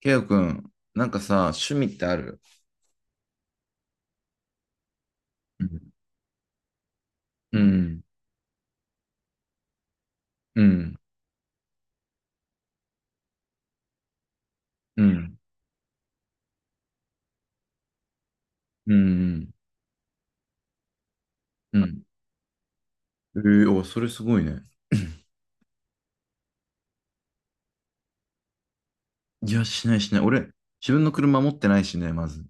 ケイオくん、なんかさ、趣味ってある？うん。うん。うん。うん。うん。ええーお、それすごいね。いや、しないしない。俺、自分の車持ってないしね、まず。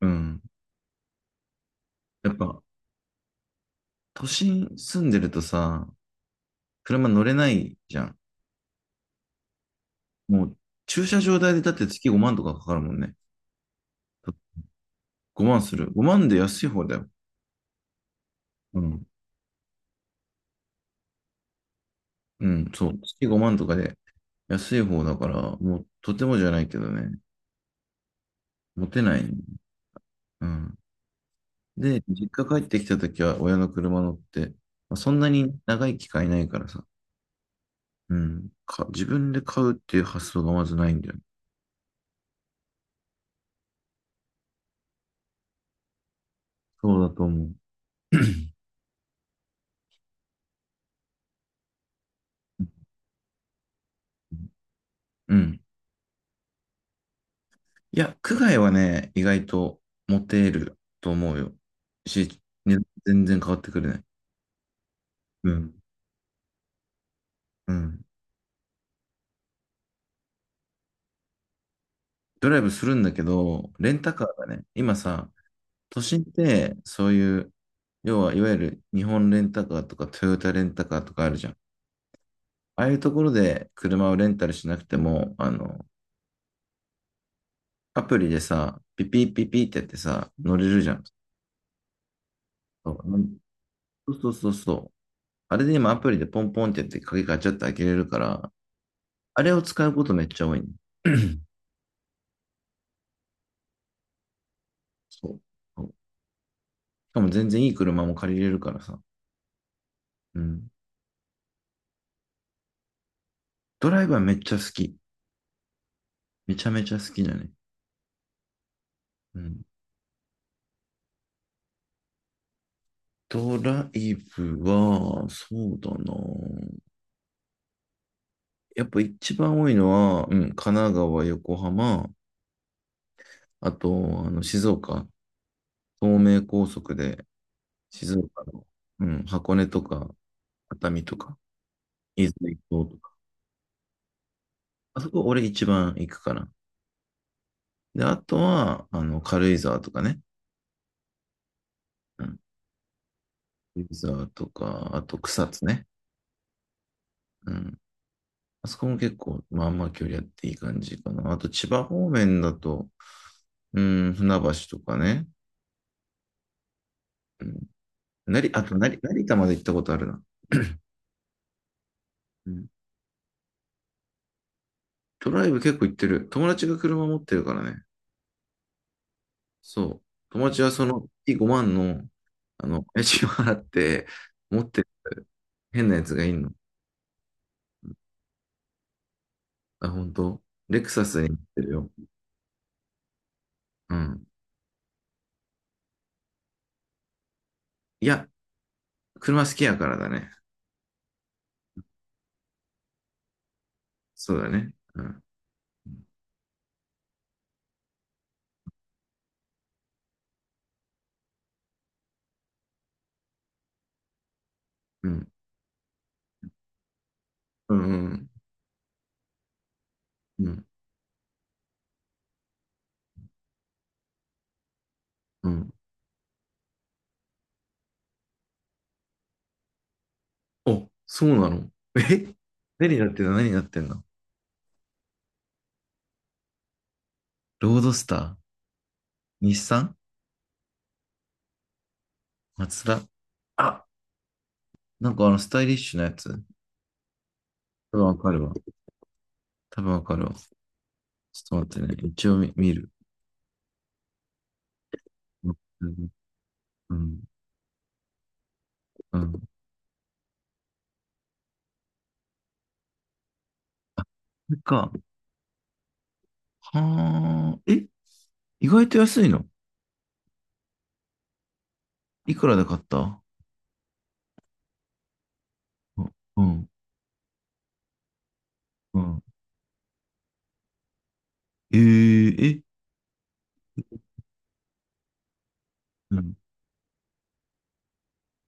うん。やっぱ、都心住んでるとさ、車乗れないじゃん。もう、駐車場代でだって月5万とかかかるもんね。5万する。5万で安い方だよ。うん。うん、そう。月5万とかで安い方だから、もう、とてもじゃないけどね。持てない。うん。で、実家帰ってきたときは親の車乗って、まあ、そんなに長い機会ないからさ、うん、か、自分で買うっていう発想がまずないんだよね。そうだと思う。うん。いや、区外はね、意外とモテると思うよ。し、ね、全然変わってくれない。うん。うん。ドライブするんだけど、レンタカーがね、今さ、都心ってそういう、要はいわゆる日本レンタカーとかトヨタレンタカーとかあるじゃん。ああいうところで車をレンタルしなくても、アプリでさ、ピピピピってやってさ、乗れるじゃん。そうそうそうそう。あれで今アプリでポンポンってやって鍵ガチャって開けれるから、あれを使うことめっちゃ多いね。そうそう、しかも全然いい車も借りれるからさ。うん。ドライブはめっちゃ好き。めちゃめちゃ好きだね。うん。ドライブは、そうだな。やっぱ一番多いのは、うん、神奈川、横浜、あと、静岡、東名高速で、静岡の、うん、箱根とか、熱海とか、伊豆行とか、あそこ俺一番行くかな。で、あとは、軽井沢とかね。うん。軽井沢とか、あと草津ね。うん。あそこも結構、まあまあ距離あっていい感じかな。あと千葉方面だと、うん、船橋とかね。うん。なり、あと成、成田まで行ったことあるな。うん、トライブ結構行ってる。友達が車持ってるからね。そう。友達はその5万の、家賃を払って、持ってる変なやつがいんの。あ、本当？レクサスに乗ってるよ。うん。いや、車好きやからだね。そうだね。うん。うん。うん。うん。うん。うん。お、そうなの？え、何になってんの？何になってんの？ロードスター？日産？マツダ。あ、なんかあのスタイリッシュなやつ。多分わかるわ。多分わかるわ。ちょっと待ってね。一応見、見る。うん。うん。うん。うん。これか。はあ、え、意外と安いの？いくらで買った？う、うん、うん。えー、え、うん。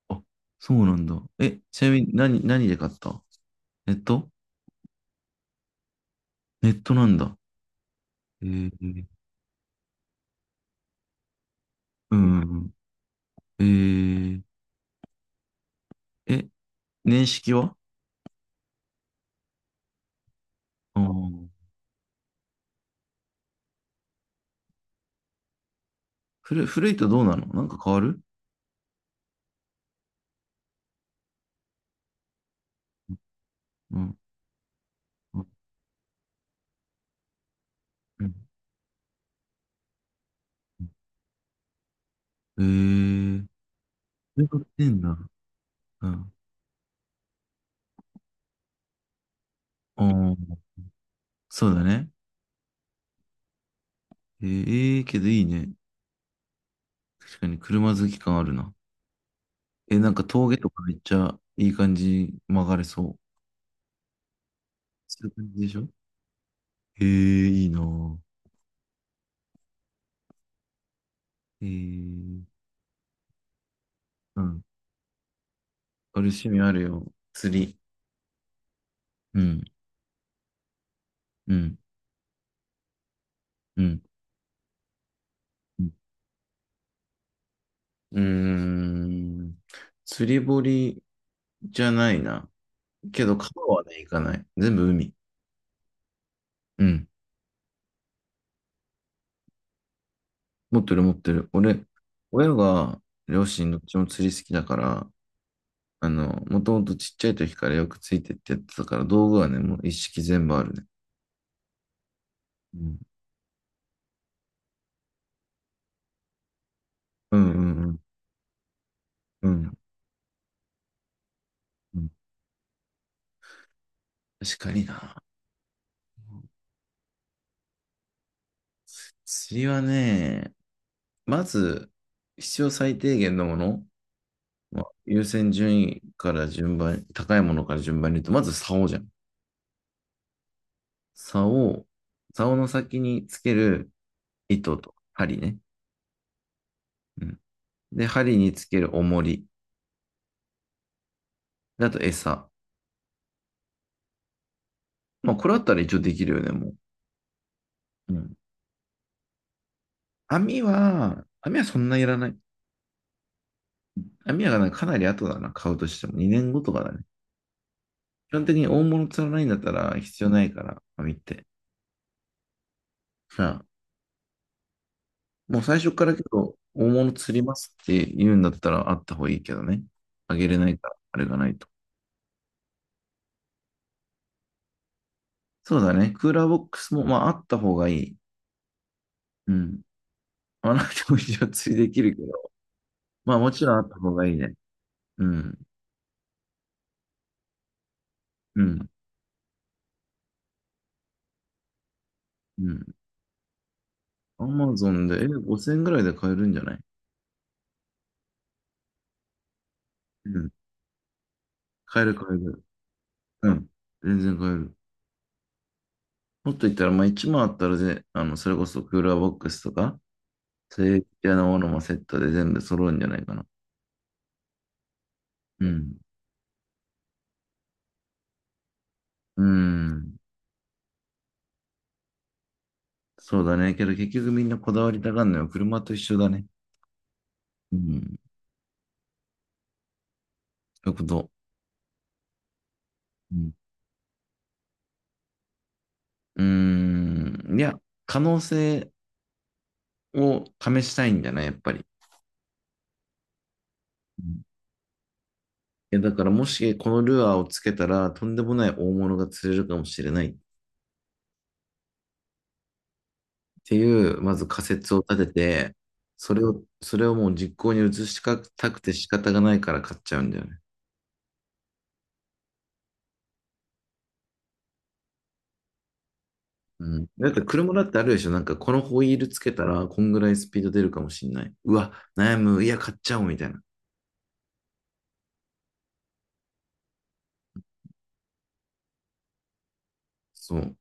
あ、そうなんだ。え、ちなみに何、何で買った？ネット？ネットなんだ。えー、うん、うん。えー、え、年式は？あん。古い、古いとどうなの？なんか変わる？うん、うん、うん。うん。えー、そういうこと言ってんだ。うん。ああ、そうだね。えー、えーけどいいね。確かに車好き感あるな。え、なんか峠とかめっちゃいい感じに曲がれそう。そういう感じでしょ？えー、いいなぁ。えー、うん。俺趣味あるよ。釣り。うん、うん、うん。うん。うーん。釣り堀じゃないな。けど川はね、行かない。全部海。うん。持ってる持ってる。俺、親が、両親どっちも釣り好きだから、もともとちっちゃい時からよくついてってやってたから、道具はね、もう一式全部あるね。うん。うんうんうん。うん、確かにな。釣りはね、まず、必要最低限のもの、まあ、優先順位から順番、高いものから順番に言うと、まず竿じゃん。竿、竿の先につける糸と針ね。うん。で、針につける重り。であと餌。まあ、これあったら一応できるよね、もう。うん。網は、網はそんないらない。網はかなり後だな、買うとしても。2年後とかだね。基本的に大物釣らないんだったら必要ないから、網って。さあ、もう最初からけど、大物釣りますって言うんだったらあった方がいいけどね。あげれないから、あれがないと。そうだね。クーラーボックスも、まあ、あった方がいい。うん。まあ、なくても一応釣りできるけど。まあ、もちろんあった方がいいね。うん。うん。うん。アマゾンで、え、5000円ぐらいで買えるんじゃない？うん。買える買える。うん。全然買える。もっと言ったら、まあ、1万あったらぜ、それこそクーラーボックスとか、そういう系のものもセットで全部揃うんじゃないかな。うん。うん。そうだね。けど結局みんなこだわりたがるのよ。車と一緒だね。うん。そういうこと。うん。うーん。いや、可能性を試したいんだな、やっぱり。うん。いや、だからもしこのルアーをつけたら、とんでもない大物が釣れるかもしれないっていう、まず仮説を立てて、それをもう実行に移したくて仕方がないから買っちゃうんだよね。うん。だって車だってあるでしょ。なんかこのホイールつけたら、こんぐらいスピード出るかもしれない。うわ、悩む。いや、買っちゃおうみたいな。そう。